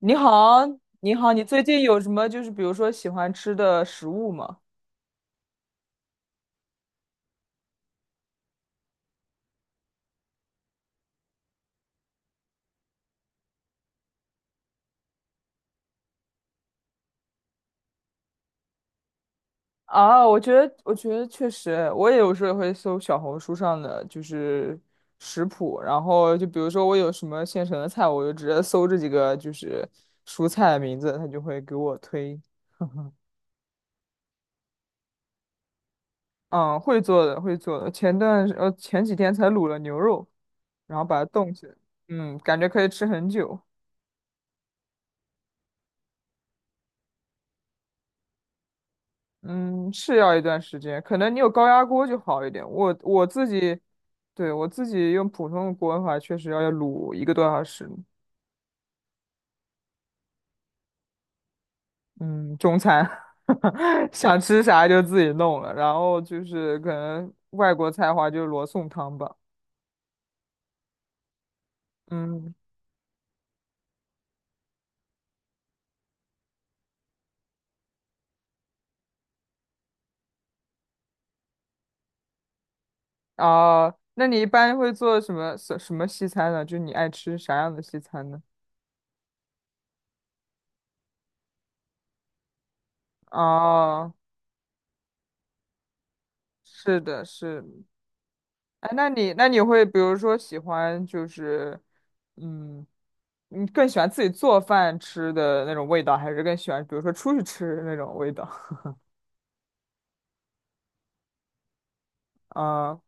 你好，你好，你最近有什么比如说喜欢吃的食物吗？啊，我觉得确实，我也有时候会搜小红书上的食谱，然后就比如说我有什么现成的菜，我就直接搜这几个蔬菜的名字，它就会给我推。嗯，会做的，会做的。前段前几天才卤了牛肉，然后把它冻起来，嗯，感觉可以吃很久。嗯，是要一段时间，可能你有高压锅就好一点。我自己，对，我自己用普通的锅的话，确实要卤1个多小时。嗯，中餐。 想吃啥就自己弄了，然后就是可能外国菜的话就是罗宋汤吧。嗯，啊，那你一般会做什么什么西餐呢？就你爱吃啥样的西餐呢？哦，是的，是。哎，那你会比如说喜欢就是，嗯，你更喜欢自己做饭吃的那种味道，还是更喜欢比如说出去吃的那种味道？嗯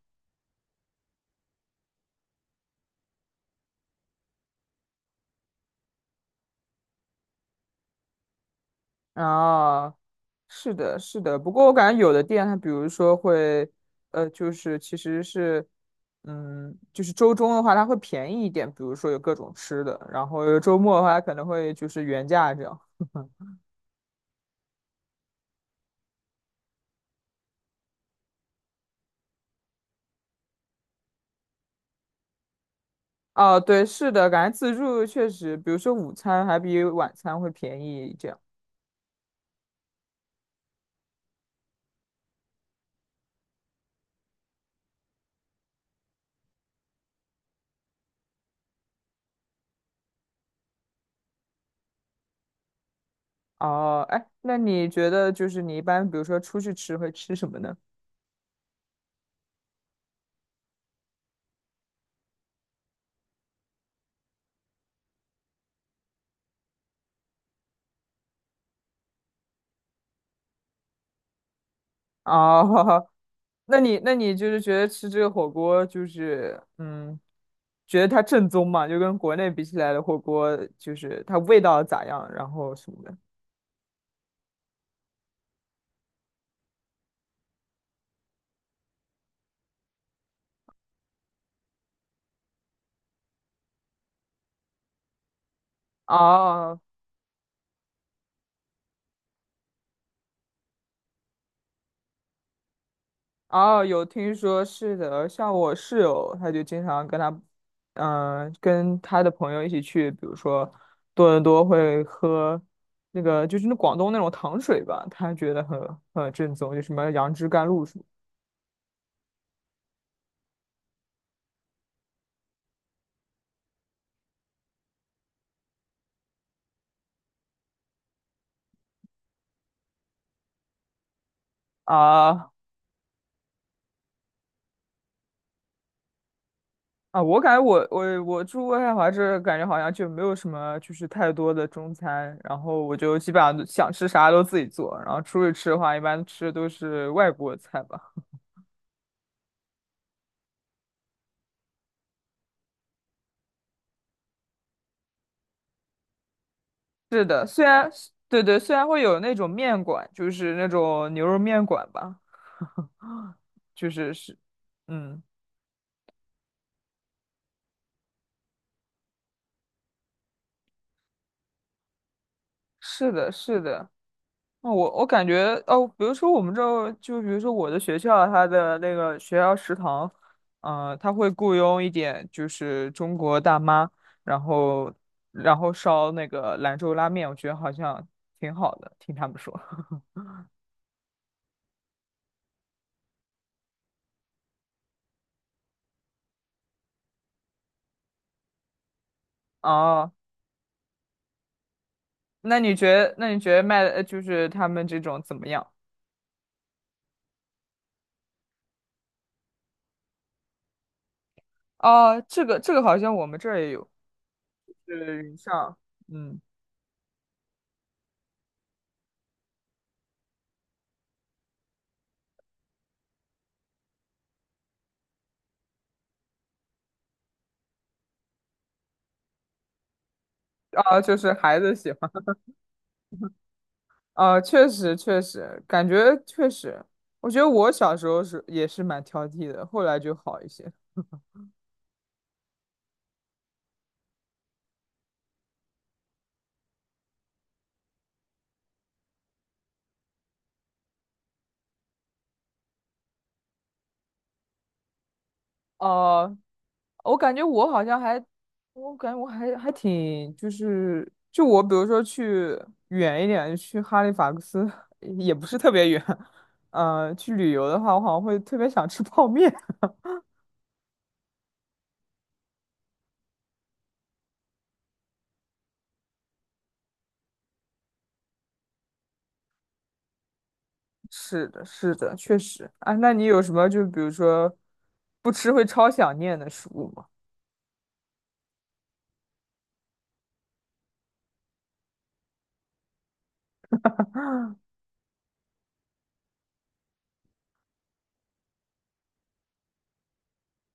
啊，是的，是的。不过我感觉有的店它比如说会，就是其实是，嗯，就是周中的话它会便宜一点，比如说有各种吃的，然后周末的话它可能会就是原价这样。哦，对，是的，感觉自助确实，比如说午餐还比晚餐会便宜这样。哦，哎，那你觉得就是你一般，比如说出去吃会吃什么呢？哦，那你就是觉得吃这个火锅就是，觉得它正宗嘛？就跟国内比起来的火锅，就是它味道咋样，然后什么的。哦哦，有听说是的，像我室友，他就经常跟他，嗯、跟他的朋友一起去，比如说多伦多会喝那个就是那广东那种糖水吧，他觉得很正宗，就什么杨枝甘露什么。啊，啊，我感觉我我住渥太华这，感觉好像就没有什么就是太多的中餐，然后我就基本上想吃啥都自己做，然后出去吃的话，一般吃的都是外国菜吧。是的，虽然对，虽然会有那种面馆，就是那种牛肉面馆吧，就是是，嗯，是的，是的。那我感觉哦，比如说我们这儿，就比如说我的学校，它的那个学校食堂，嗯、它会雇佣一点就是中国大妈，然后然后烧那个兰州拉面，我觉得好像挺好的，听他们说。哦，那你觉得卖的就是他们这种怎么样？哦，这个好像我们这儿也有，是云上，嗯，啊，就是孩子喜欢。啊，确实，感觉确实，我觉得我小时候是也是蛮挑剔的，后来就好一些。哦、我感觉我好像还，我感觉我还挺，就是就我比如说去远一点，去哈利法克斯 也不是特别远，去旅游的话，我好像会特别想吃泡面。是的，是的，确实啊。那你有什么就比如说不吃会超想念的食物吗？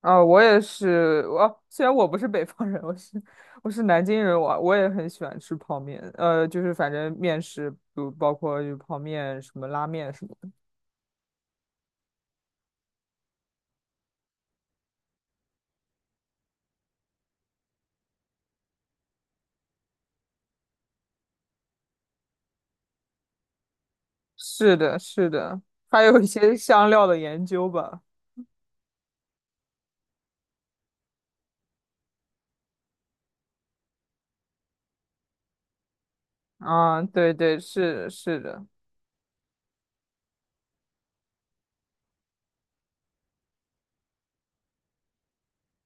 啊，我也是，我虽然我不是北方人，我是南京人，我也很喜欢吃泡面，就是反正面食，比如包括就泡面、什么拉面什么的。是的，是的，还有一些香料的研究吧。啊，对对，是的是的，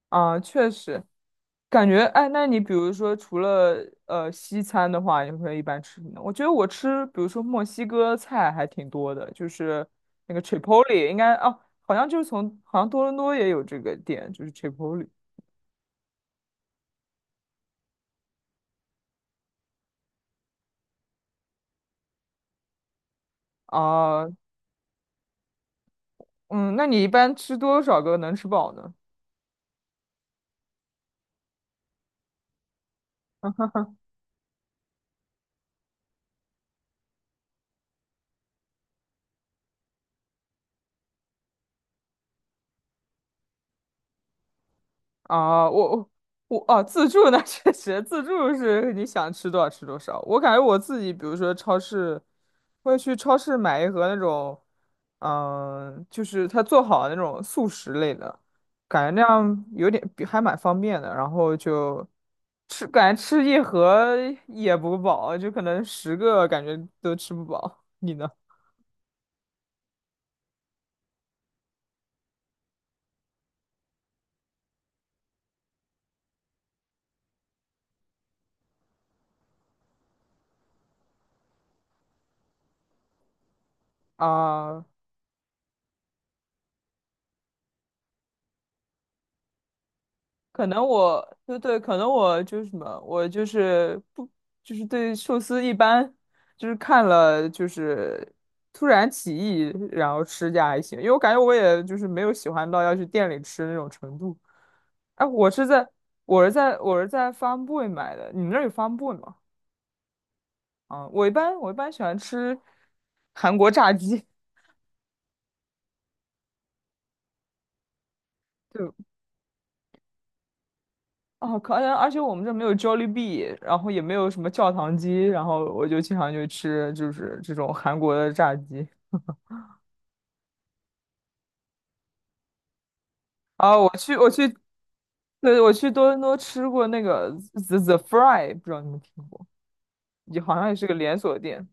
啊，确实。感觉哎，那你比如说除了西餐的话，你会一般吃什么呢？我觉得我吃，比如说墨西哥菜还挺多的，就是那个 Chipotle，应该哦，好像就是从好像多伦多也有这个店，就是 Chipotle。 啊，嗯，那你一般吃多少个能吃饱呢？啊，我啊，自助那 确实，自助是你想吃多少吃多少。我感觉我自己，比如说超市，会去超市买一盒那种，嗯，就是他做好的那种速食类的，感觉那样有点比还蛮方便的。然后就吃，感觉吃一盒也不饱，就可能10个感觉都吃不饱。你呢？啊、可能我对对，可能我就是什么，我就是不就是对寿司一般，就是看了就是突然起意，然后吃下还行，因为我感觉我也就是没有喜欢到要去店里吃那种程度。哎，我是在 f a r Boy 买的，你们那儿有 f a r Boy 吗？啊，我一般喜欢吃韩国炸鸡。对，哦，可能而且我们这没有 Jollibee，然后也没有什么教堂鸡，然后我就经常就吃就是这种韩国的炸鸡。啊，我去我去，对，我去多伦多吃过那个 The Fry，不知道你们听过，也好像也是个连锁店。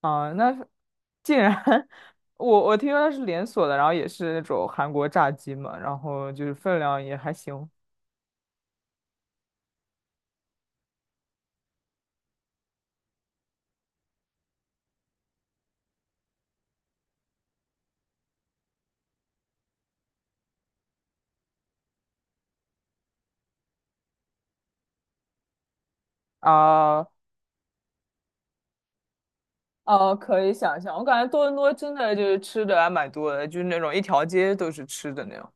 啊，那是竟然 我我听说它是连锁的，然后也是那种韩国炸鸡嘛，然后就是分量也还行。啊，哦，可以想象，我感觉多伦多真的就是吃的还蛮多的，就是那种一条街都是吃的那种。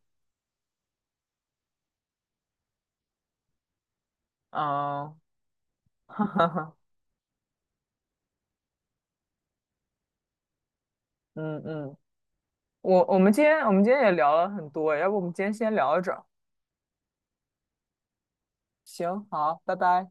啊，哈哈哈，嗯嗯，我们今天也聊了很多，要不我们今天先聊到这儿？行，好，拜拜。